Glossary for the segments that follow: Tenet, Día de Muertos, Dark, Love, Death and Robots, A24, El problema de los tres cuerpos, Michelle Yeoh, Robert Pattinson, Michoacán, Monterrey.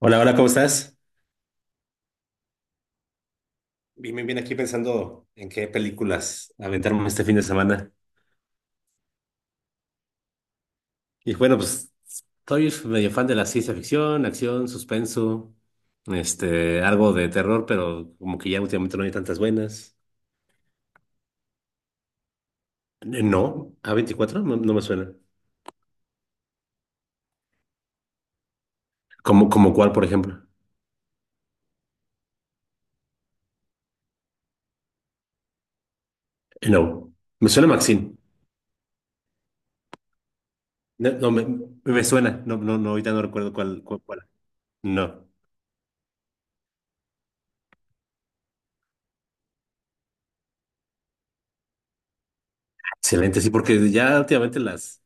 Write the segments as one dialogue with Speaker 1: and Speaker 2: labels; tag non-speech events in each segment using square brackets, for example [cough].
Speaker 1: Hola, hola, ¿cómo estás? Bien, bien, bien, aquí pensando en qué películas aventarme este fin de semana. Y bueno, pues soy medio fan de la ciencia ficción, acción, suspenso, algo de terror, pero como que ya últimamente no hay tantas buenas. No, a 24 no, no me suena. ¿Como, como cuál, por ejemplo? No, me suena Maxine. No, no, me, me suena, no, no, no, ahorita no recuerdo cuál. No. Excelente, sí, porque ya últimamente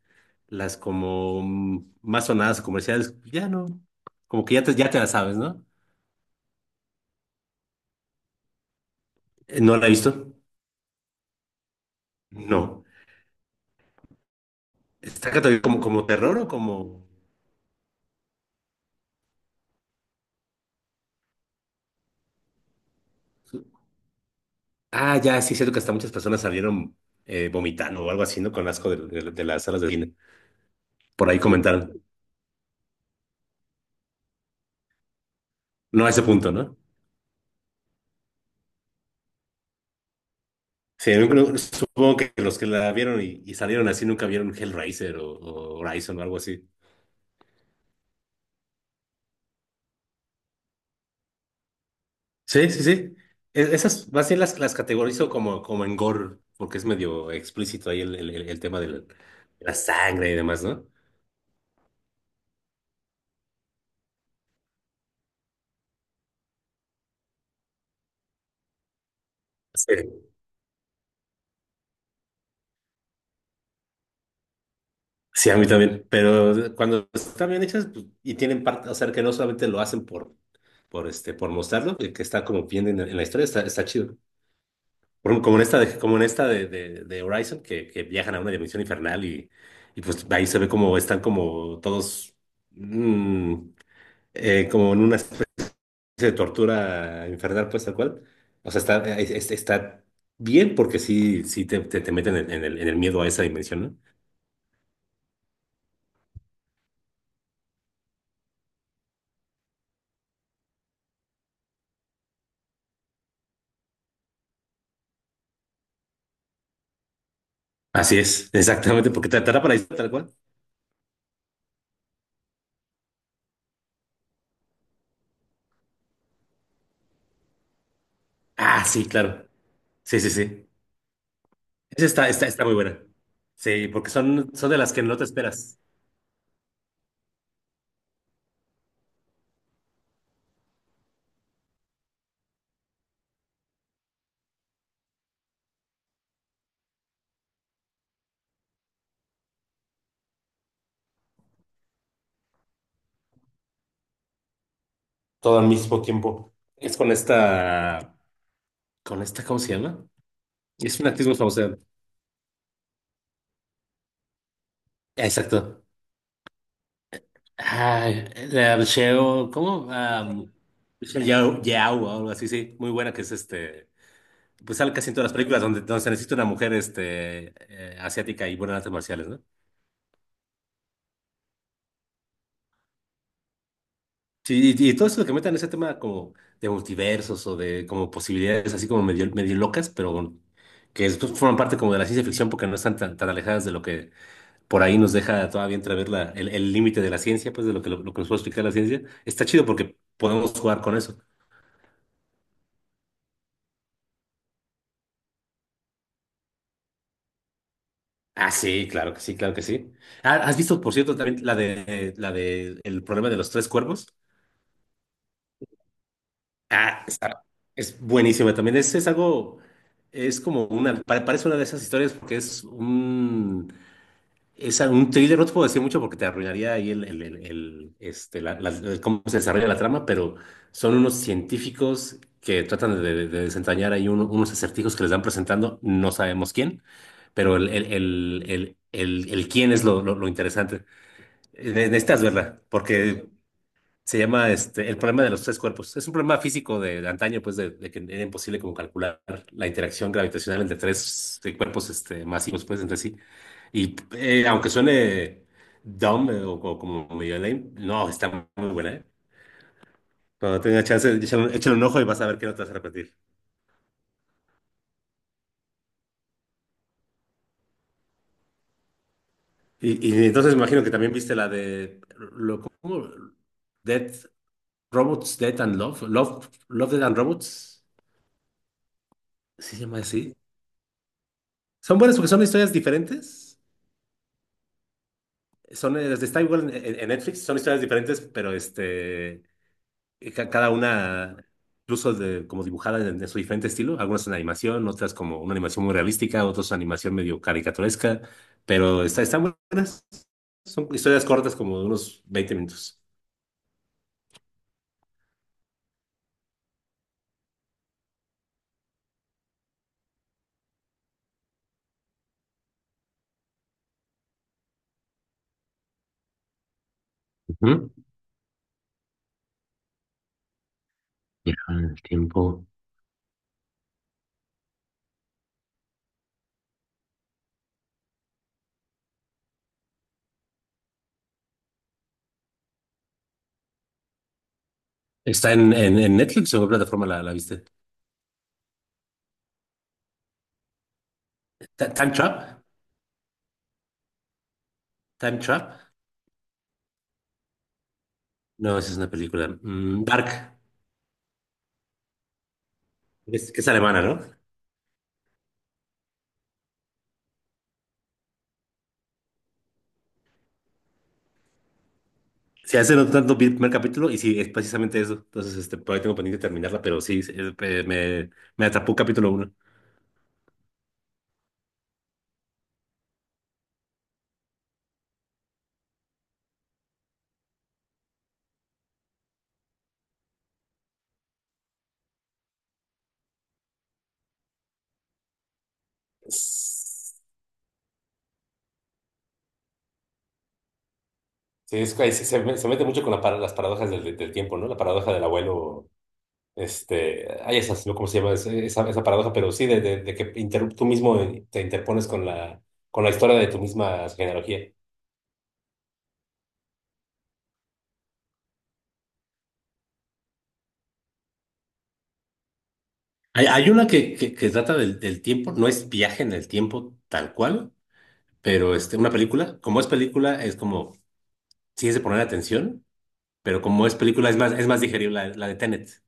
Speaker 1: las como más sonadas o comerciales, ya no, como que ya te la sabes, ¿no? ¿No la he visto? No. ¿Está catalogada como, como terror o como? Ah, ya, sí, es cierto que hasta muchas personas salieron vomitando o algo así, ¿no? Con asco de las salas de cine. Por ahí comentaron. No a ese punto, ¿no? Sí, yo creo, supongo que los que la vieron y salieron así nunca vieron Hellraiser o Horizon o algo así. Sí, sí, sí. Esas más bien las categorizo como, como en gore, porque es medio explícito ahí el tema de la sangre y demás, ¿no? Sí, sí, a mí también. Pero cuando están bien hechas pues, y tienen parte, o sea, que no solamente lo hacen por mostrarlo, que está como bien en la historia, está, está chido. Por ejemplo, como en esta de, como en esta de Horizon, que viajan a una dimensión infernal y pues ahí se ve como están como todos mm, como en una de tortura infernal, pues tal cual. O sea, está, está bien porque sí, sí te meten en en el miedo a esa dimensión, ¿no? Así es, exactamente, porque te para tal cual. Ah, sí, claro. Sí, sí, sí. Esa está, está muy buena. Sí, porque son, son de las que no te esperas. Todo al mismo tiempo. Es con esta, ¿cómo se llama? Es una actriz muy famosa. Exacto. Ay, la Michelle, ¿cómo? Ah, Michelle Yeoh, Yeoh, o algo así, sí. Muy buena que es este. Pues sale casi en todas las películas donde se necesita una mujer asiática y buena en artes marciales, ¿no? Sí, y todo eso que metan ese tema como de multiversos o de como posibilidades así como medio, medio locas, pero bueno, que después forman parte como de la ciencia ficción porque no están tan alejadas de lo que por ahí nos deja todavía entrever el límite de la ciencia, pues de lo lo que nos puede explicar la ciencia. Está chido porque podemos jugar con eso. Ah, sí, claro que sí, claro que sí. Ah, ¿has visto, por cierto, también la de el problema de los tres cuervos? Ah, es buenísima también. Es algo, es como una, parece una de esas historias porque es un thriller, no te puedo decir mucho porque te arruinaría ahí el cómo se desarrolla la trama, pero son unos científicos que tratan de desentrañar ahí unos acertijos que les van presentando, no sabemos quién, pero el quién es lo interesante. Necesitas verla porque se llama este, el problema de los tres cuerpos. Es un problema físico de antaño, pues, de que era imposible como calcular la interacción gravitacional entre tres cuerpos este, masivos, pues, entre sí. Y aunque suene dumb o como medio lame, no, está muy buena, ¿eh? Cuando tenga chance, échale, échale un ojo y vas a ver que no te vas a repetir. Y entonces me imagino que también viste la de lo, ¿cómo? Dead Robots, Death and Love, Love, Love, Death and Robots, ¿sí se llama así? Son buenas porque son historias diferentes. Son, está igual en Netflix, son historias diferentes, pero cada una incluso de, como dibujada en su diferente estilo. Algunas son animación, otras como una animación muy realística, otras son animación medio caricaturesca, pero está, están buenas. Son historias cortas, como de unos 20 minutos. Ujú. Ya, el tiempo. ¿Está en Netflix o en qué plataforma la, la viste? ¿Time Trap? ¿Time Trap? No, esa es una película. Mm, Dark. Es alemana, ¿no? Sí, hace no tanto vi el primer capítulo y sí, es precisamente eso. Entonces, este, por ahí tengo pendiente de terminarla, pero sí, sí, me atrapó capítulo uno. Sí, es, que ahí se, se mete mucho con la las paradojas del tiempo, ¿no? La paradoja del abuelo, este, hay esas, ¿no? ¿Cómo se llama esa, esa paradoja? Pero sí, de que tú mismo te interpones con con la historia de tu misma genealogía. Hay una que, que trata del tiempo, no es viaje en el tiempo tal cual, pero este, una película, como es película, es como, sí es de poner atención. Pero como es película, es más digerible la de Tenet.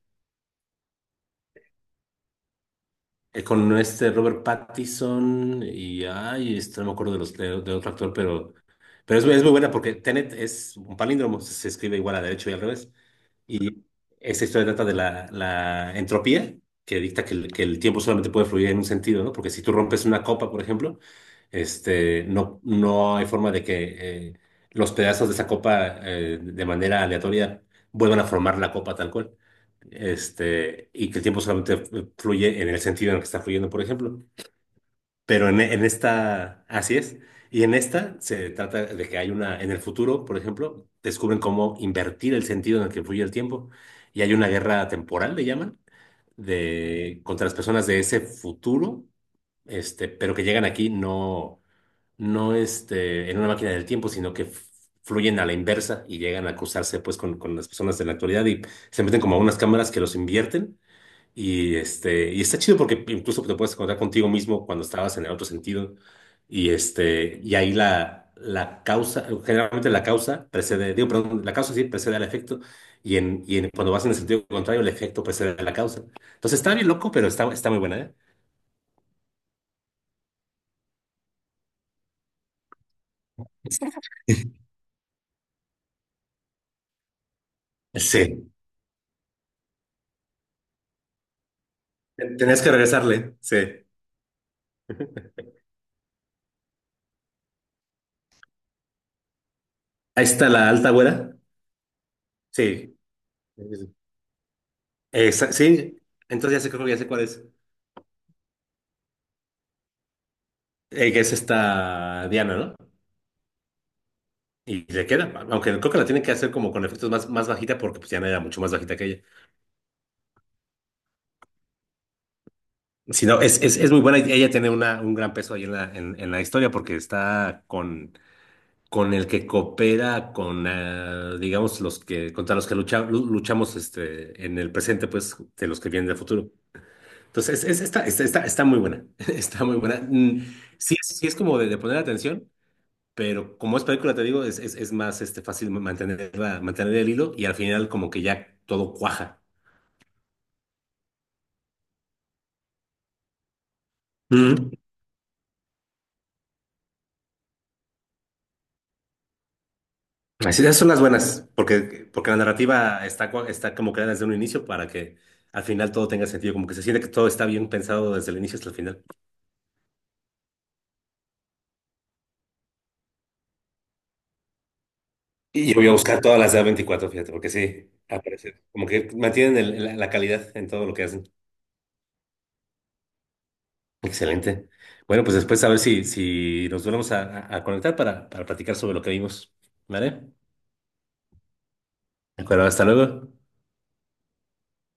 Speaker 1: Con este Robert Pattinson y, ay, este, no me acuerdo de otro actor, pero es, es muy buena porque Tenet es un palíndromo, se escribe igual a derecho y al revés. Esta historia trata de la entropía, que dicta que que el tiempo solamente puede fluir en un sentido, ¿no? Porque si tú rompes una copa, por ejemplo, no hay forma de que los pedazos de esa copa de manera aleatoria vuelvan a formar la copa tal cual. Este, y que el tiempo solamente fluye en el sentido en el que está fluyendo, por ejemplo. ¿No? Pero en esta, así es. Y en esta se trata de que hay una, en el futuro, por ejemplo, descubren cómo invertir el sentido en el que fluye el tiempo. Y hay una guerra temporal, le llaman, de, contra las personas de ese futuro, pero que llegan aquí no, en una máquina del tiempo, sino que fluyen a la inversa y llegan a cruzarse pues con las personas de la actualidad y se meten como a unas cámaras que los invierten y, este, y está chido porque incluso te puedes encontrar contigo mismo cuando estabas en el otro sentido. Y, este, y ahí la causa, generalmente la causa precede, digo, perdón, la causa sí precede al efecto. Y, cuando vas en el sentido contrario, el efecto precede a la causa. Entonces está bien loco, pero está, está muy buena, ¿eh? Sí. Tenías que regresarle. Sí. Ahí está la alta güera. Sí. Esa, sí. Entonces ya sé, creo que ya sé cuál es. Que es esta Diana, ¿no? Y le queda, aunque creo que la tienen que hacer como con efectos más, más bajita porque pues Diana era mucho más bajita que ella. Si no, es, es muy buena. Y ella tiene una, un gran peso ahí en en la historia porque está con el que coopera con, digamos, los que, contra los que lu- luchamos este, en el presente, pues, de los que vienen del futuro. Entonces, es, está, está muy buena. [laughs] Está muy buena. Mm, sí, sí es como de poner atención. Pero como es película, te digo, es más este, fácil mantenerla, mantener el hilo y al final como que ya todo cuaja. Mm. Así, esas son las buenas, porque, porque la narrativa está, está como creada desde un inicio para que al final todo tenga sentido, como que se siente que todo está bien pensado desde el inicio hasta el final. Y yo voy a buscar todas las de A24, fíjate, porque sí, aparece. Como que mantienen la calidad en todo lo que hacen. Excelente. Bueno, pues después a ver si, si nos volvemos a conectar para platicar sobre lo que vimos. ¿Vale? De acuerdo, hasta luego.